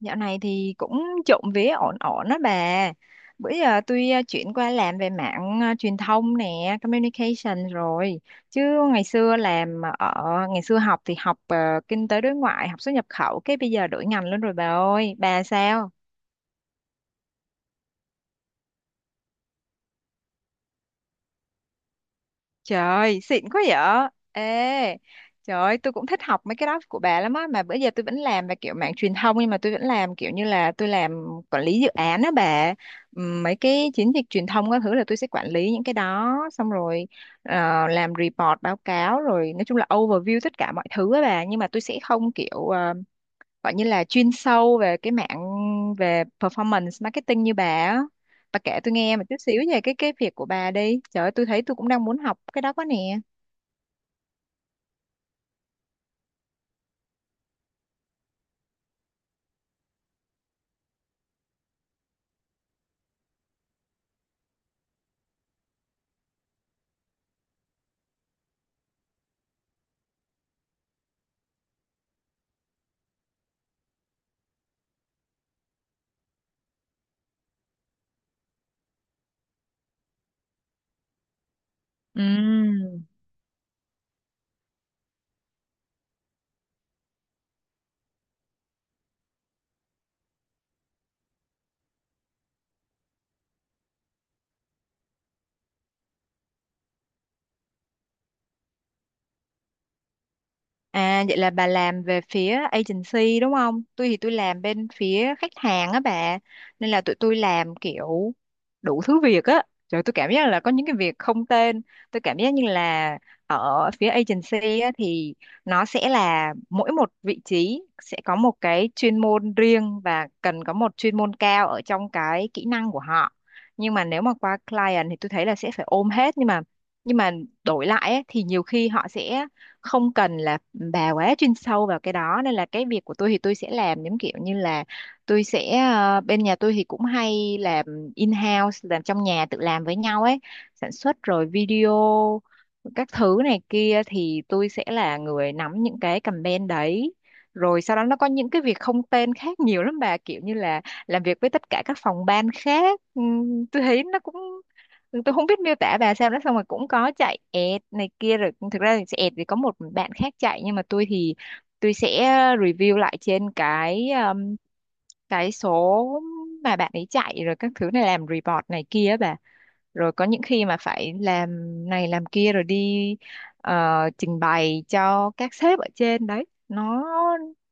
Dạo này thì cũng trộm vía ổn ổn đó bà. Bữa giờ tôi chuyển qua làm về mạng truyền thông nè, communication rồi. Chứ ngày xưa làm à, ở ngày xưa học thì học kinh tế đối ngoại, học xuất nhập khẩu, cái bây giờ đổi ngành luôn rồi bà ơi. Bà sao? Trời ơi, xịn quá vậy. Ê, trời ơi, tôi cũng thích học mấy cái đó của bà lắm á. Mà bữa giờ tôi vẫn làm về kiểu mảng truyền thông nhưng mà tôi vẫn làm kiểu như là tôi làm quản lý dự án á bà. Mấy cái chiến dịch truyền thông các thứ là tôi sẽ quản lý những cái đó. Xong rồi làm report, báo cáo rồi nói chung là overview tất cả mọi thứ á bà. Nhưng mà tôi sẽ không kiểu gọi như là chuyên sâu về cái mạng về performance marketing như bà á. Bà kể tôi nghe một chút xíu về cái việc của bà đi, trời ơi tôi thấy tôi cũng đang muốn học cái đó quá nè. Ừ. À vậy là bà làm về phía agency đúng không? Tôi thì tôi làm bên phía khách hàng á bà. Nên là tụi tôi làm kiểu đủ thứ việc á. Rồi tôi cảm giác là có những cái việc không tên. Tôi cảm giác như là ở phía agency á, thì nó sẽ là mỗi một vị trí sẽ có một cái chuyên môn riêng và cần có một chuyên môn cao ở trong cái kỹ năng của họ. Nhưng mà nếu mà qua client thì tôi thấy là sẽ phải ôm hết, nhưng mà nhưng mà đổi lại ấy, thì nhiều khi họ sẽ không cần là bà quá chuyên sâu vào cái đó, nên là cái việc của tôi thì tôi sẽ làm giống kiểu như là tôi sẽ bên nhà tôi thì cũng hay làm in-house, làm trong nhà tự làm với nhau ấy, sản xuất rồi video các thứ này kia thì tôi sẽ là người nắm những cái campaign đấy, rồi sau đó nó có những cái việc không tên khác nhiều lắm bà, kiểu như là làm việc với tất cả các phòng ban khác. Tôi thấy nó cũng, tôi không biết miêu tả bà sao đó. Xong rồi cũng có chạy ẹt này kia, rồi thực ra thì sẽ ẹt thì có một bạn khác chạy, nhưng mà tôi thì tôi sẽ review lại trên cái số mà bạn ấy chạy rồi các thứ này, làm report này kia á bà. Rồi có những khi mà phải làm này làm kia rồi đi ờ, trình bày cho các sếp ở trên đấy. nó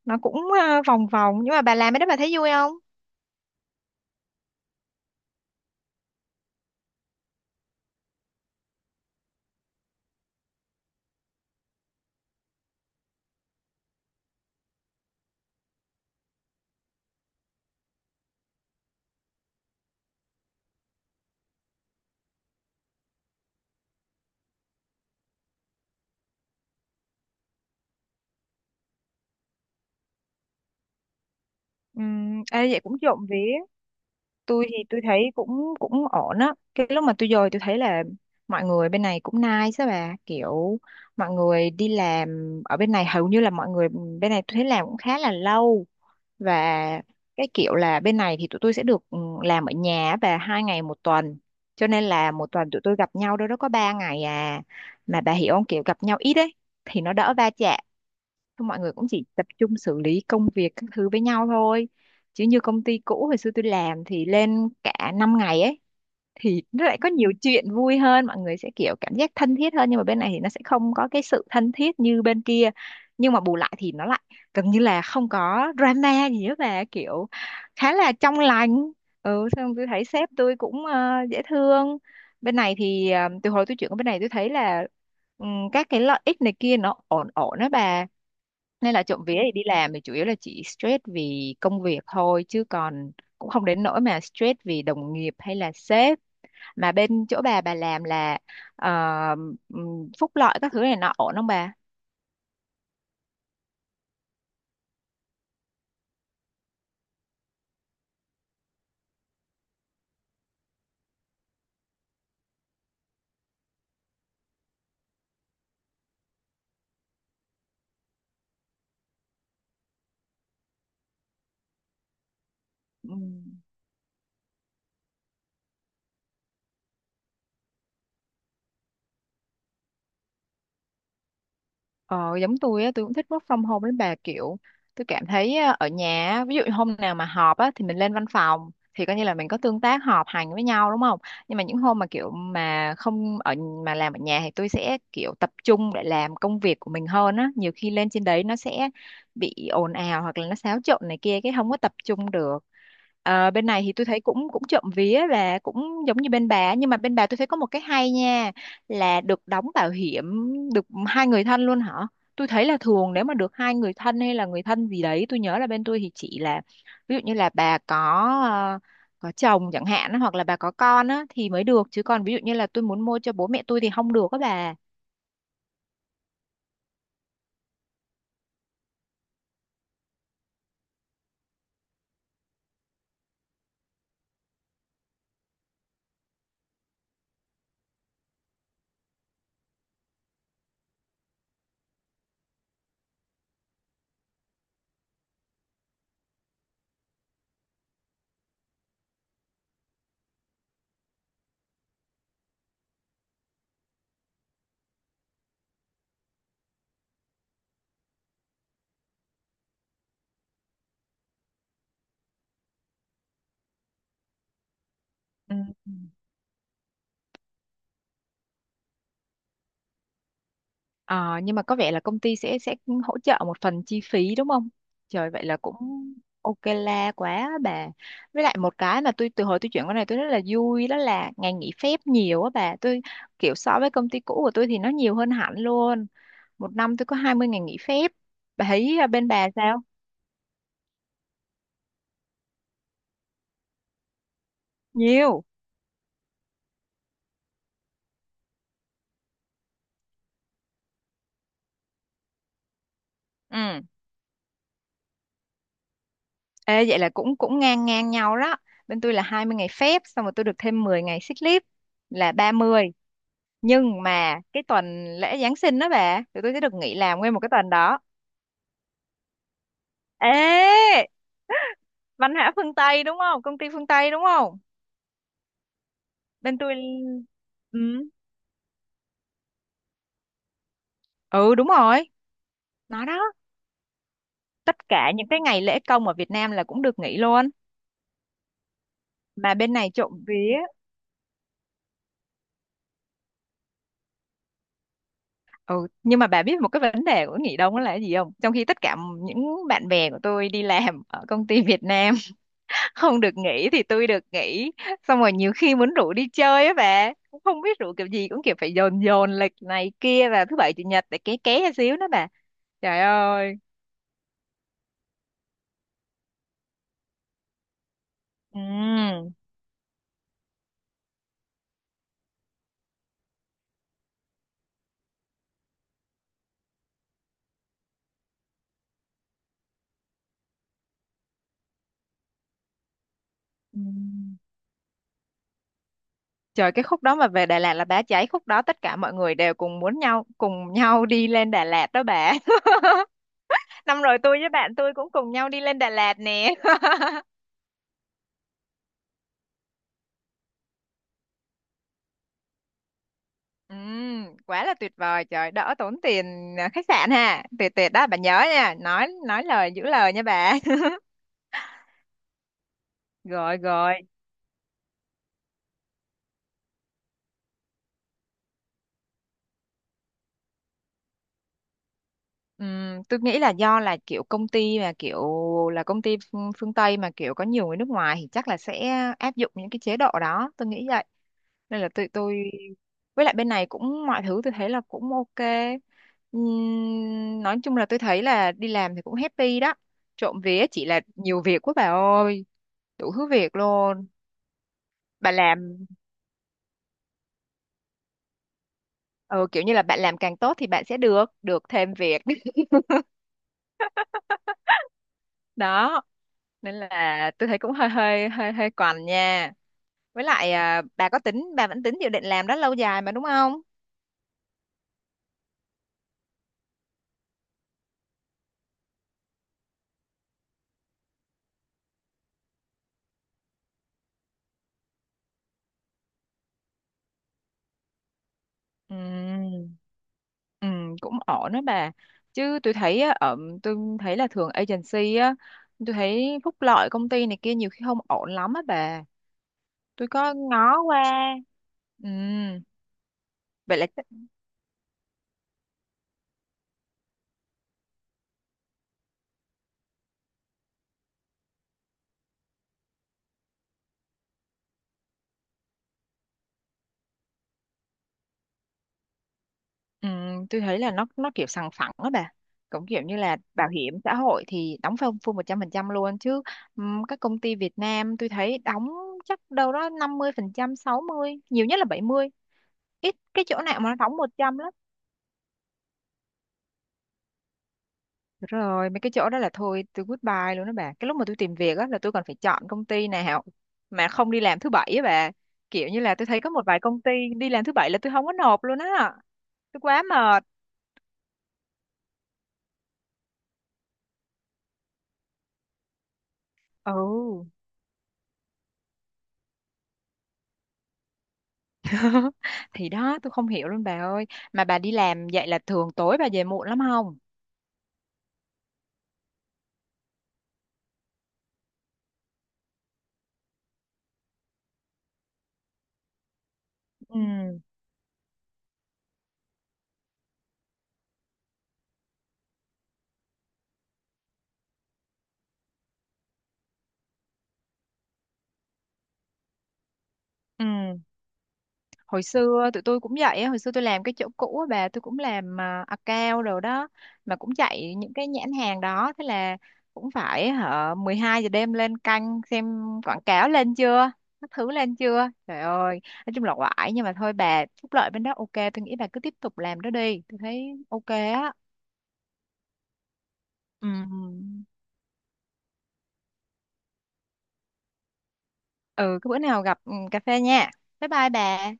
nó cũng vòng vòng. Nhưng mà bà làm cái đó bà thấy vui không? Ừ. Ê, vậy cũng trộm vía. Tôi thì tôi thấy cũng cũng ổn á. Cái lúc mà tôi dời tôi thấy là mọi người bên này cũng nice á bà, kiểu mọi người đi làm ở bên này hầu như là mọi người bên này tôi thấy làm cũng khá là lâu. Và cái kiểu là bên này thì tụi tôi sẽ được ừ, làm ở nhà á bà hai ngày một tuần, cho nên là một tuần tụi tôi gặp nhau đâu đó có ba ngày à, mà bà hiểu không, kiểu gặp nhau ít ấy thì nó đỡ va chạm. Thôi mọi người cũng chỉ tập trung xử lý công việc các thứ với nhau thôi. Chứ như công ty cũ hồi xưa tôi làm thì lên cả 5 ngày ấy, thì nó lại có nhiều chuyện vui hơn, mọi người sẽ kiểu cảm giác thân thiết hơn, nhưng mà bên này thì nó sẽ không có cái sự thân thiết như bên kia. Nhưng mà bù lại thì nó lại gần như là không có drama gì hết, và kiểu khá là trong lành. Ừ, xong tôi thấy sếp tôi cũng dễ thương. Bên này thì từ hồi tôi chuyển qua bên này tôi thấy là ừ, các cái lợi ích này kia nó ổn ổn đó bà, nên là trộm vía thì đi làm thì chủ yếu là chỉ stress vì công việc thôi, chứ còn cũng không đến nỗi mà stress vì đồng nghiệp hay là sếp. Mà bên chỗ bà làm là ờ, phúc lợi các thứ này nọ ổn không bà? Ừ. Ờ, giống tôi á, tôi cũng thích work from home đến bà, kiểu tôi cảm thấy á, ở nhà á, ví dụ như hôm nào mà họp á, thì mình lên văn phòng thì coi như là mình có tương tác họp hành với nhau đúng không, nhưng mà những hôm mà kiểu mà không ở, mà làm ở nhà thì tôi sẽ kiểu tập trung để làm công việc của mình hơn á, nhiều khi lên trên đấy nó sẽ bị ồn ào hoặc là nó xáo trộn này kia cái không có tập trung được. Ờ, bên này thì tôi thấy cũng cũng trộm vía và cũng giống như bên bà, nhưng mà bên bà tôi thấy có một cái hay nha, là được đóng bảo hiểm được hai người thân luôn hả? Tôi thấy là thường nếu mà được hai người thân hay là người thân gì đấy, tôi nhớ là bên tôi thì chỉ là ví dụ như là bà ờ, có chồng chẳng hạn á, hoặc là bà có con á thì mới được, chứ còn ví dụ như là tôi muốn mua cho bố mẹ tôi thì không được các bà. Ừ. Ờ, nhưng mà có vẻ là công ty sẽ hỗ trợ một phần chi phí đúng không? Trời vậy là cũng ok la quá bà. Với lại một cái mà tôi từ hồi tôi chuyển qua này tôi rất là vui đó là ngày nghỉ phép nhiều á bà. Tôi kiểu so với công ty cũ của tôi thì nó nhiều hơn hẳn luôn. Một năm tôi có 20 ngày nghỉ phép. Bà thấy à, bên bà sao? Nhiều. Ừ. Ê, vậy là cũng cũng ngang ngang nhau đó. Bên tôi là 20 ngày phép, xong rồi tôi được thêm 10 ngày sick leave là 30. Nhưng mà cái tuần lễ Giáng sinh đó bà, tụi tôi sẽ được nghỉ làm nguyên một cái tuần đó. Ê, văn hóa phương Tây đúng không, công ty phương Tây đúng không? Bên tôi. Ừ, ừ, đúng rồi. Nó đó. Tất cả những cái ngày lễ công ở Việt Nam là cũng được nghỉ luôn. Mà bên này trộm vía. Ừ, nhưng mà bà biết một cái vấn đề của nghỉ đông đó là cái gì không? Trong khi tất cả những bạn bè của tôi đi làm ở công ty Việt Nam không được nghỉ thì tôi được nghỉ, xong rồi nhiều khi muốn rủ đi chơi á bà cũng không biết rủ kiểu gì, cũng kiểu phải dồn dồn lịch này kia vào thứ bảy chủ nhật để ké ké ra xíu đó bà. Trời ơi. Ừ. Ừ. Trời cái khúc đó mà về Đà Lạt là bá cháy, khúc đó tất cả mọi người đều cùng muốn nhau cùng nhau đi lên Đà Lạt đó bà năm rồi tôi với bạn tôi cũng cùng nhau đi lên Đà Lạt nè ừ. Quá là tuyệt vời, trời đỡ tốn tiền à, khách sạn ha. Tuyệt tuyệt đó bà nhớ nha, nói lời giữ lời nha bà rồi rồi. Tôi nghĩ là do là kiểu công ty mà kiểu là công ty phương phương Tây mà kiểu có nhiều người nước ngoài thì chắc là sẽ áp dụng những cái chế độ đó, tôi nghĩ vậy. Nên là tôi với lại bên này cũng mọi thứ tôi thấy là cũng ok. Nói chung là tôi thấy là đi làm thì cũng happy đó, trộm vía chỉ là nhiều việc quá bà ơi, đủ thứ việc luôn. Bà làm ừ, kiểu như là bạn làm càng tốt thì bạn sẽ được được thêm việc đó, nên là tôi thấy cũng hơi hơi còn nha. Với lại bà có tính bà vẫn tính dự định làm đó lâu dài mà đúng không? Ừ. Ừ. Cũng ổn đó bà. Chứ tôi thấy á, ở tôi thấy là thường agency á, tôi thấy phúc lợi công ty này kia nhiều khi không ổn lắm á bà. Tôi có ngó qua. Ừ. Vậy là. Ừ, tôi thấy là nó kiểu sòng phẳng á bà, cũng kiểu như là bảo hiểm xã hội thì đóng full full 100% luôn chứ. Ừm, các công ty Việt Nam tôi thấy đóng chắc đâu đó 50%, 60, nhiều nhất là 70, ít cái chỗ nào mà nó đóng 100 lắm. Rồi mấy cái chỗ đó là thôi tôi goodbye luôn đó bà, cái lúc mà tôi tìm việc á là tôi còn phải chọn công ty nào mà không đi làm thứ bảy á bà, kiểu như là tôi thấy có một vài công ty đi làm thứ bảy là tôi không có nộp luôn á. Tôi quá mệt. Ừ. thì đó tôi không hiểu luôn bà ơi. Mà bà đi làm vậy là thường tối bà về muộn lắm không? Ừ. Ừ. Hồi xưa tụi tôi cũng vậy á, hồi xưa tôi làm cái chỗ cũ á bà, tôi cũng làm account rồi đó, mà cũng chạy những cái nhãn hàng đó, thế là cũng phải hả 12 giờ đêm lên canh xem quảng cáo lên chưa, các thứ lên chưa, trời ơi. Nói chung là oải, nhưng mà thôi bà, phúc lợi bên đó ok tôi nghĩ bà cứ tiếp tục làm đó đi, tôi thấy ok á. Ừ. Ừ, cái bữa nào gặp ừ, cà phê nha. Bye bye bà.